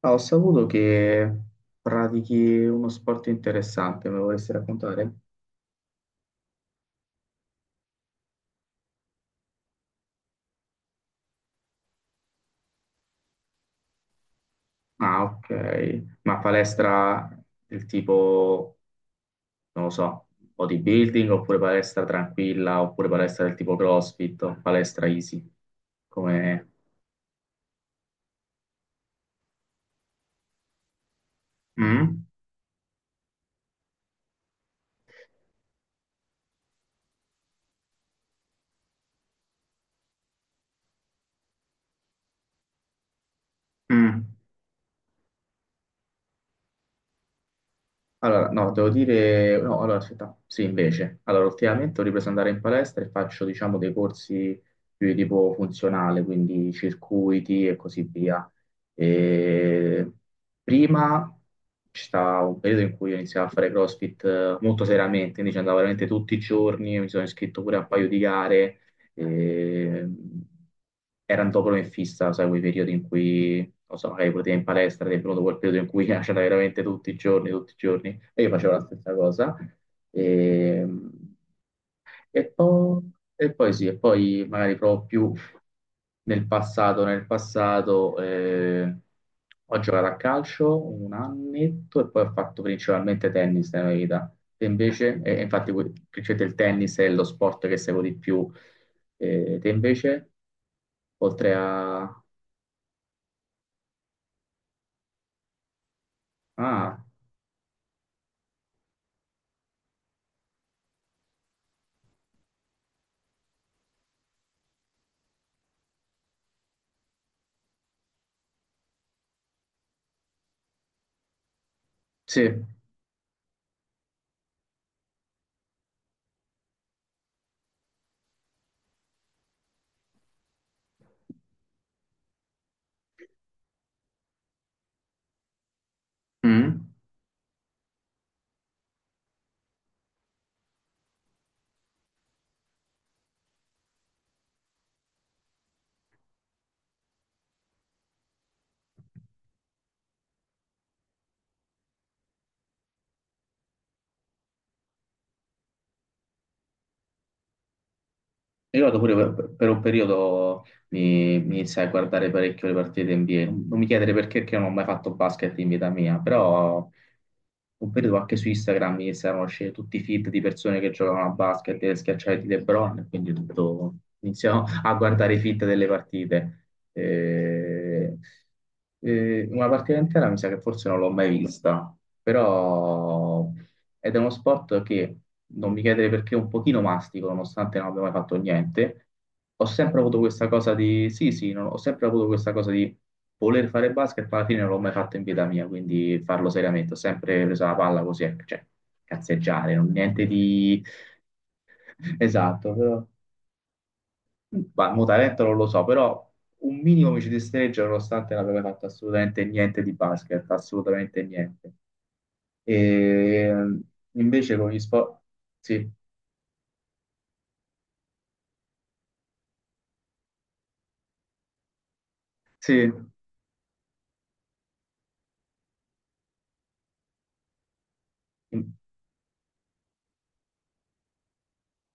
Ah, ho saputo che pratichi uno sport interessante, me lo vorresti raccontare? Ah, ok. Ma palestra del tipo, non lo so, bodybuilding oppure palestra tranquilla oppure palestra del tipo CrossFit o palestra easy? Come... Mm? Mm. Allora, no, devo dire, no, allora aspetta, sì, invece, allora ultimamente ho ripreso ad andare in palestra e faccio, diciamo, dei corsi più di tipo funzionale, quindi circuiti e così via. E prima c'è stato un periodo in cui ho iniziato a fare CrossFit molto seriamente, quindi ci andavo veramente tutti i giorni, mi sono iscritto pure a un paio di gare e, erano dopo fissa, sai, quei periodi in cui, non so, magari pure te in palestra, ti è venuto quel periodo in cui c'era veramente tutti i giorni, e io facevo la stessa cosa. E, e poi sì, e poi magari proprio più nel passato, nel passato, ho giocato a calcio un annetto e poi ho fatto principalmente tennis nella mia vita. E invece, e infatti, que- principalmente il tennis è lo sport che seguo di più. Te invece, oltre a... Ah, sì. Mm? Mi ricordo pure per un periodo mi iniziai a guardare parecchio le partite NBA. Non mi chiedere perché, perché non ho mai fatto basket in vita mia, però un periodo anche su Instagram mi iniziarono a uscire tutti i feed di persone che giocavano a basket e schiacciai di LeBron, e quindi tutto iniziò a guardare i feed delle partite. Eh, una partita intera mi sa che forse non l'ho mai vista, però ed è uno sport che non mi chiedere perché un pochino mastico, nonostante non abbia mai fatto niente. Ho sempre avuto questa cosa di sì, sì, non- ho sempre avuto questa cosa di voler fare basket, ma alla fine non l'ho mai fatto in vita mia, quindi farlo seriamente. Ho sempre preso la palla così, ecco, cioè cazzeggiare, non niente di esatto, però ma mo talento non lo so, però un minimo mi ci destreggio nonostante non abbia mai fatto assolutamente niente di basket, assolutamente niente. E ehm, invece con gli sport sì. Sì,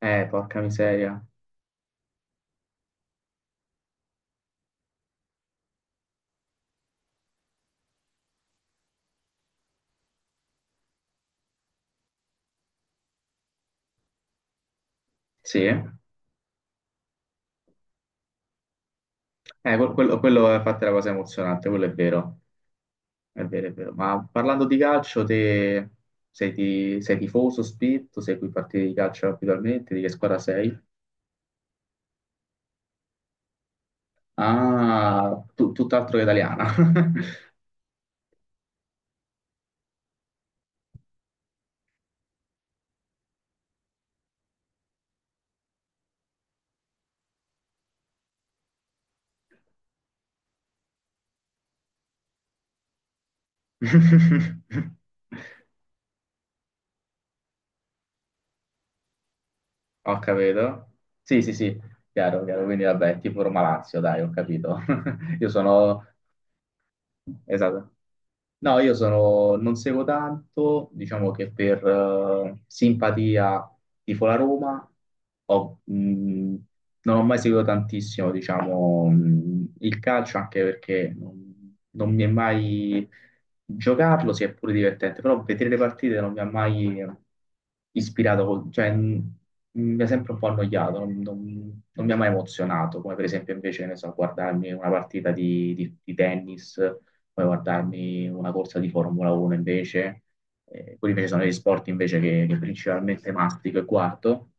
porca miseria. Sì, que- quello è infatti la cosa emozionante, quello è vero, è vero, è vero. Ma parlando di calcio, te sei, ti- sei tifoso, spinto, segui partite di calcio abitualmente, di che squadra sei? Ah, tu- tutt'altro che italiana. Ho capito. Sì, sì, sì, chiaro, chiaro. Quindi vabbè, tipo Roma-Lazio, dai, ho capito. Io sono, esatto. No, io sono, non seguo tanto, diciamo che per simpatia tifo la Roma, ho- non ho mai seguito tantissimo, diciamo, il calcio, anche perché non, non mi è mai giocarlo, sia pure divertente, però vedere le partite non mi ha mai ispirato, col- cioè mi ha sempre un po' annoiato, non, non- non mi ha mai emozionato, come per esempio invece, che ne so, guardarmi una partita di tennis poi guardarmi una corsa di Formula 1 invece, quelli invece sono gli sport invece che principalmente mastico e guardo,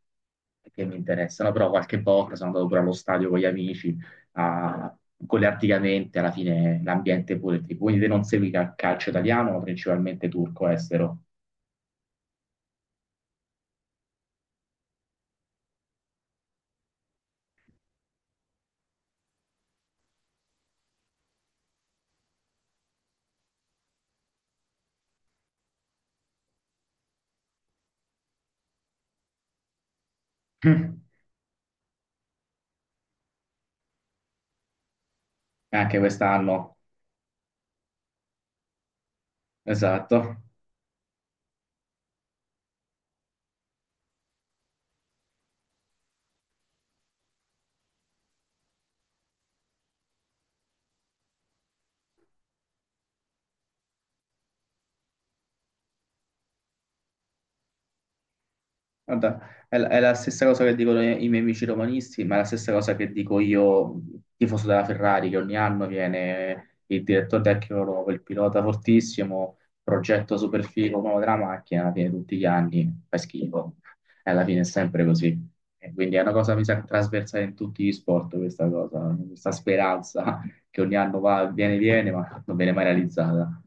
e che mi interessano, però qualche volta sono andato pure allo stadio con gli amici, a- collettivamente alla fine l'ambiente è pure ti- quindi te non segui cal- calcio italiano, ma principalmente turco estero. Anche quest'anno, esatto. Guarda, è la stessa cosa che dicono i, i miei amici romanisti, ma è la stessa cosa che dico io, tifoso della Ferrari, che ogni anno viene il direttore tecnico nuovo, il pilota fortissimo, progetto super figo nuovo della macchina, alla fine tutti gli anni fa schifo. E alla fine è sempre così. E quindi è una cosa, mi sa, trasversale in tutti gli sport, questa cosa, questa speranza che ogni anno va, viene, viene, ma non viene mai realizzata.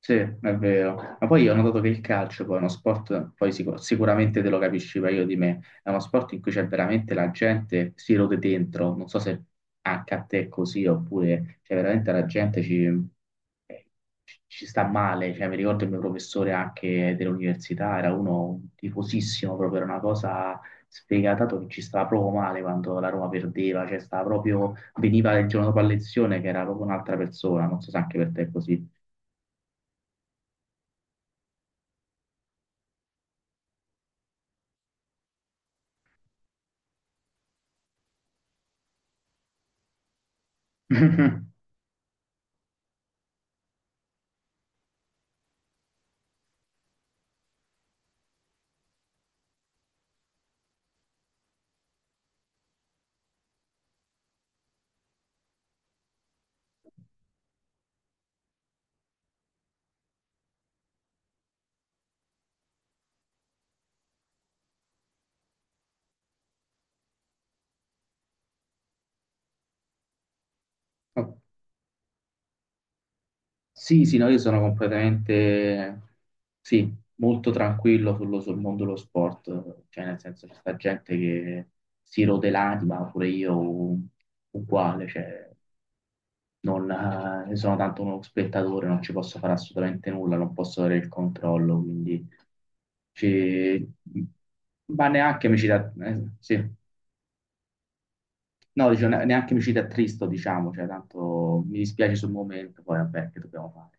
Sì, è vero. Ma poi io ho notato che il calcio poi è uno sport, poi sicu- sicuramente te lo capisci meglio di me, è uno sport in cui c'è veramente la gente si rode dentro, non so se anche a te è così, oppure cioè veramente la gente ci, ci- ci sta male, cioè mi ricordo il mio professore anche dell'università, era uno tifosissimo, proprio era una cosa sfegata che ci stava proprio male quando la Roma perdeva, cioè stava proprio, veniva il giorno dopo la lezione che era proprio un'altra persona, non so se anche per te è così. No, sì, sì, no, io sono completamente, sì, molto tranquillo sullo- sul mondo dello sport, cioè nel senso c'è sta gente che si rode l'anima, pure io u- uguale, cioè non sono tanto uno spettatore, non ci posso fare assolutamente nulla, non posso avere il controllo, quindi ci- ma neanche mi ci da- sì. No, dicevo, ne- neanche mi ci attristo, diciamo, cioè tanto mi dispiace sul momento, poi vabbè, che dobbiamo fare.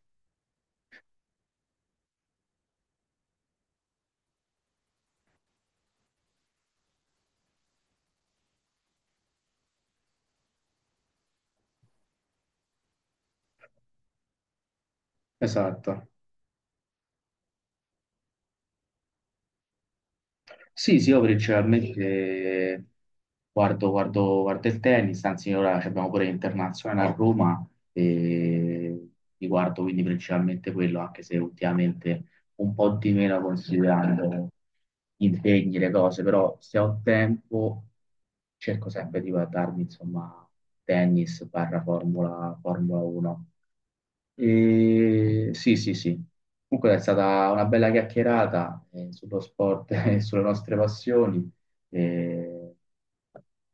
Esatto. Sì, sì, io principalmente guardo, guardo- guardo il tennis, anzi ora ci abbiamo pure internazionale a Roma e mi guardo quindi principalmente quello, anche se ultimamente un po' di meno considerando gli impegni, le cose, però se ho tempo cerco sempre di guardarmi insomma tennis barra Formula, Formula 1. E sì, sì, sì. Comunque è stata una bella chiacchierata sullo sport e sulle nostre passioni. E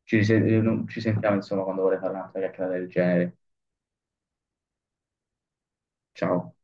ci, rise- non- ci sentiamo insomma quando vorrei fare un'altra chiacchierata del genere. Ciao.